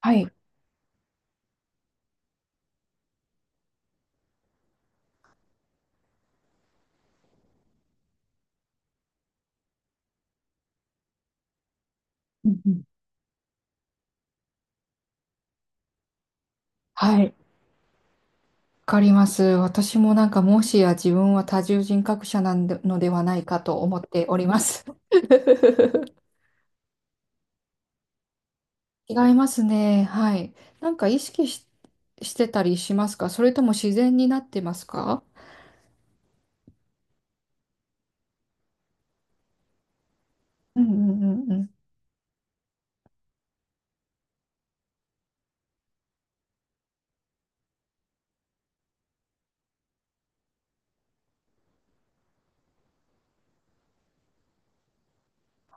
はい。うんうん、はい。わかります。私もなんかもしや自分は多重人格者なんで、のではないかと思っております。違いますね。はい。なんか意識し、してたりしますか？それとも自然になってますか？うんうんうんうん。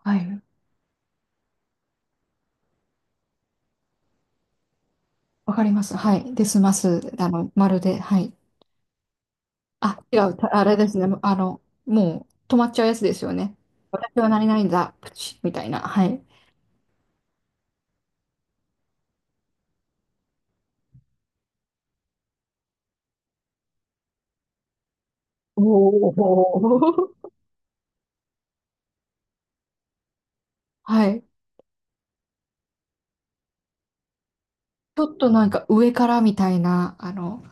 はい。わかります。はい。で済ます。まるで。はい。あ、違う。たあれですね。あの、もう止まっちゃうやつですよね。私はなれないんだ。プチッみたいな。はい。おお。はい。ちょっとなんか上からみたいな、あの、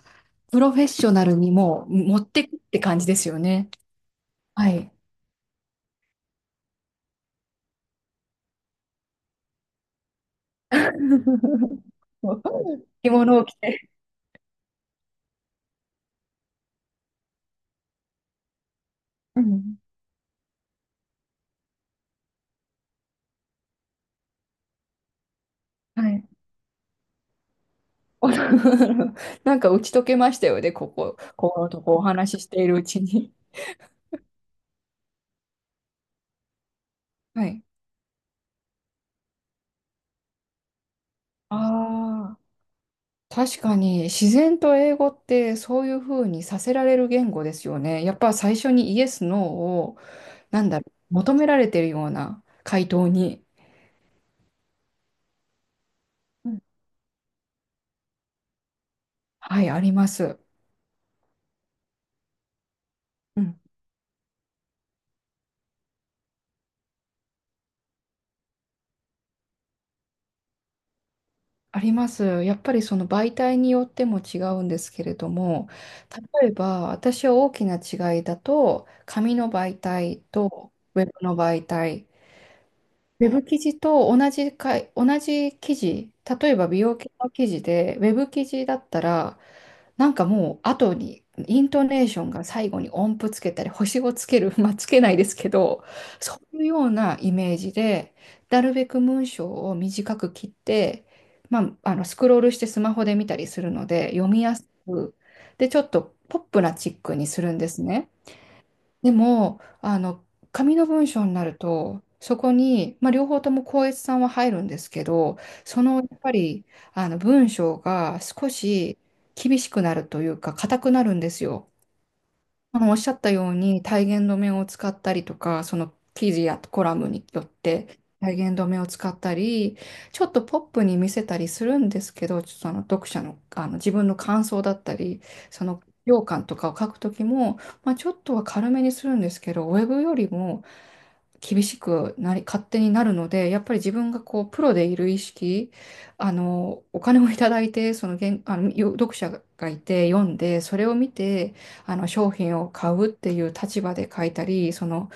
プロフェッショナルにもう持ってくって感じですよね。はい。着物を着て。うん。はい。なんか打ち解けましたよね、ここのとこお話ししているうちに。はい。ああ、確かに自然と英語ってそういうふうにさせられる言語ですよね。やっぱ最初にイエス、ノーを、なんだろ求められてるような回答に、うん、はい、あります。うん、あります。やっぱりその媒体によっても違うんですけれども、例えば私は大きな違いだと、紙の媒体とウェブの媒体、ウェブ記事と同じかい、同じ記事、例えば美容系の記事で、ウェブ記事だったら、なんかもう後に、イントネーションが最後に音符つけたり、星をつける、まあつけないですけど、そういうようなイメージで、なるべく文章を短く切って、まあ、あのスクロールしてスマホで見たりするので、読みやすく、で、ちょっとポップなチックにするんですね。でも、あの、紙の文章になると、そこに、まあ、両方とも校閲さんは入るんですけど、そのやっぱりあの文章が少し厳しくなるというか、硬くなるんですよ。あのおっしゃったように体言止めを使ったりとか、その記事やコラムによって体言止めを使ったり、ちょっとポップに見せたりするんですけど、ちょっとあの読者の、あの自分の感想だったり、その評価とかを書くときも、まあ、ちょっとは軽めにするんですけど、ウェブよりも厳しくなり、勝手になるので、やっぱり自分がこうプロでいる意識、あのお金をいただいて、その原、あの読者がいて読んで、それを見て、あの商品を買うっていう立場で書いたり、その、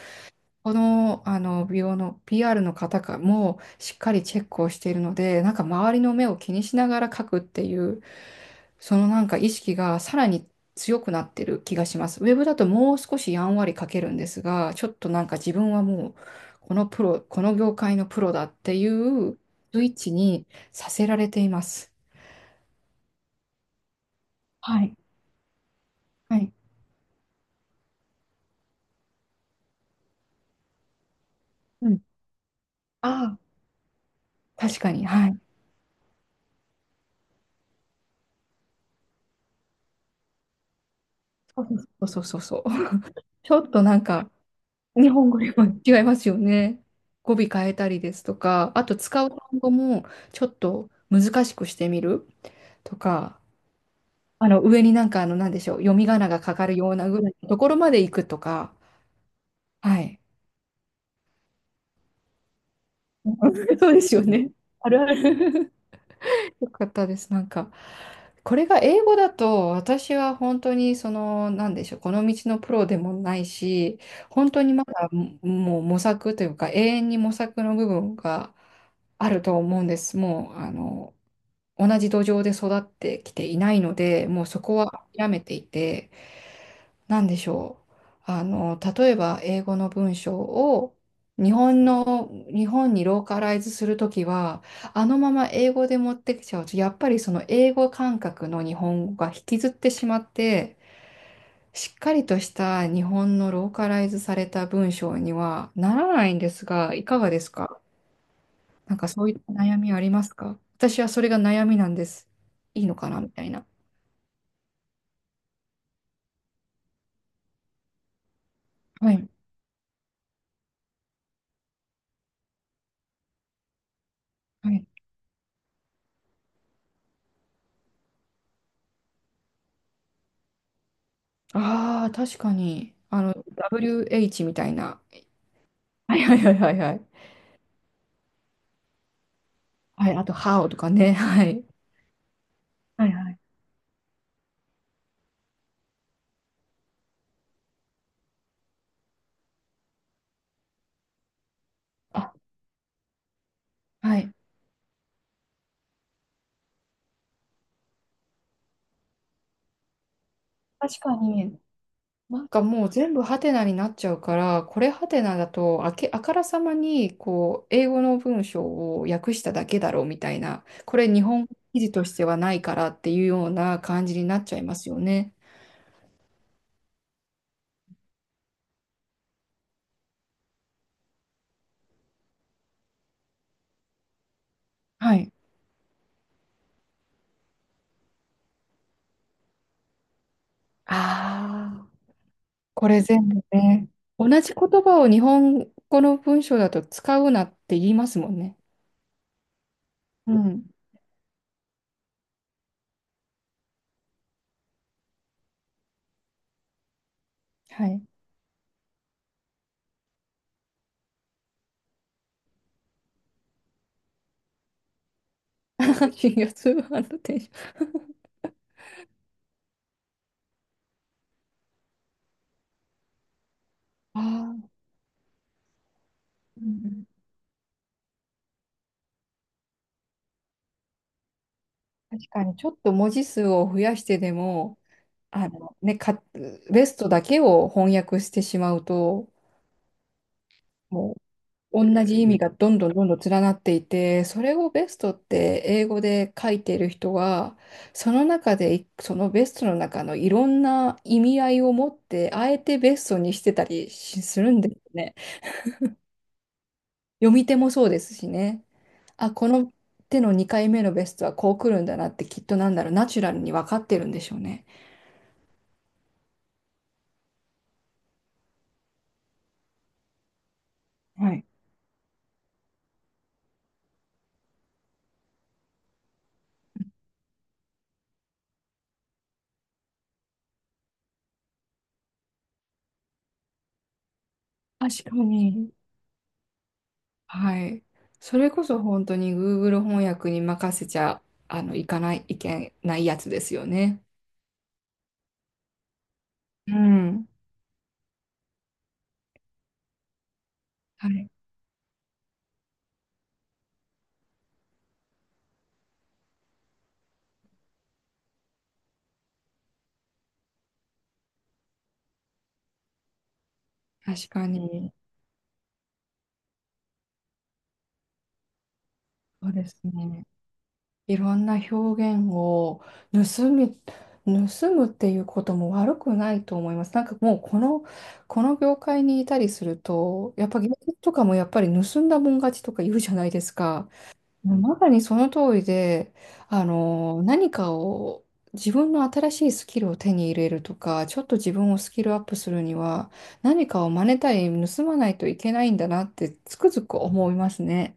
この、あの美容の PR の方かもしっかりチェックをしているので、なんか周りの目を気にしながら書くっていう、そのなんか意識がさらに強くなってる気がします。ウェブだともう少しやんわり書けるんですが、ちょっとなんか自分はもうこのプロ、この業界のプロだっていうスイッチにさせられています。はい。はい。うん。ああ、確かに。はい。そうそうそうそうそう。ちょっとなんか、日本語でも違いますよね。語尾変えたりですとか、あと使う単語もちょっと難しくしてみるとか、あの上になんかあの、なんでしょう、読み仮名がかかるようなぐらいのところまで行くとか、はい。そうですよね。あるある、よかったです。なんか、これが英語だと、私は本当に、その、なんでしょう、この道のプロでもないし、本当にまだももう模索というか、永遠に模索の部分があると思うんです。もう、あの、同じ土壌で育ってきていないので、もうそこは諦めていて、なんでしょう。あの、例えば英語の文章を日本にローカライズするときは、あのまま英語で持ってきちゃうと、やっぱりその英語感覚の日本語が引きずってしまって、しっかりとした日本のローカライズされた文章にはならないんですが、いかがですか？なんかそういった悩みありますか？私はそれが悩みなんです。いいのかなみたいな。はい。はい。ああ、確かに。あの、WH みたいな。はいはいはいはいはい。はい、あと、How とかね。はい。はいはい。あ、はい。確かに、なんかもう全部ハテナになっちゃうから、これハテナだと、あからさまに、こう、英語の文章を訳しただけだろうみたいな、これ日本記事としてはないからっていうような感じになっちゃいますよね。はい。ああ、これ全部ね。同じ言葉を日本語の文章だと使うなって言いますもんね。うん。はい。阪神が通販のテンション。ああ、うんうん、確かに、ちょっと文字数を増やしてでも、あのね、か、ベストだけを翻訳してしまうと、もう同じ意味がどんどんどんどん連なっていて、それをベストって英語で書いている人は、その中でい、そのベストの中のいろんな意味合いを持って、あえてベストにしてたりしするんですね。読み手もそうですしね。あ、この手の2回目のベストはこう来るんだなってきっとなんだろう、ナチュラルに分かってるんでしょうね。はい。確かに。はい。それこそ本当に Google 翻訳に任せちゃ、あの、いかない、いけないやつですよね。うん。はい。確かに。そうですね。いろんな表現を盗み、盗むっていうことも悪くないと思います。なんかもうこの、この業界にいたりすると、やっぱ芸人とかもやっぱり盗んだもん勝ちとか言うじゃないですか。まさにその通りで、あの、何かを自分の新しいスキルを手に入れるとか、ちょっと自分をスキルアップするには、何かを真似たり盗まないといけないんだなってつくづく思いますね。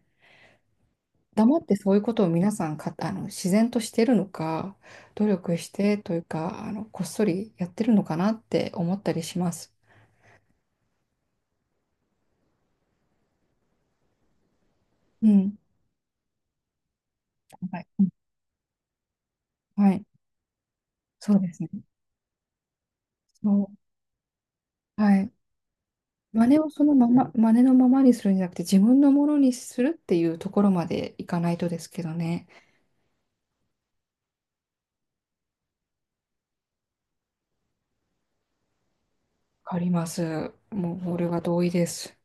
黙ってそういうことを皆さんか、あの、自然としてるのか、努力してというか、あの、こっそりやってるのかなって思ったりします。うん。はい。うん、はい。そうですね。そう。はい。真似をそのまま、真似のままにするんじゃなくて、自分のものにするっていうところまでいかないとですけどね。わかります。もう、俺は同意です。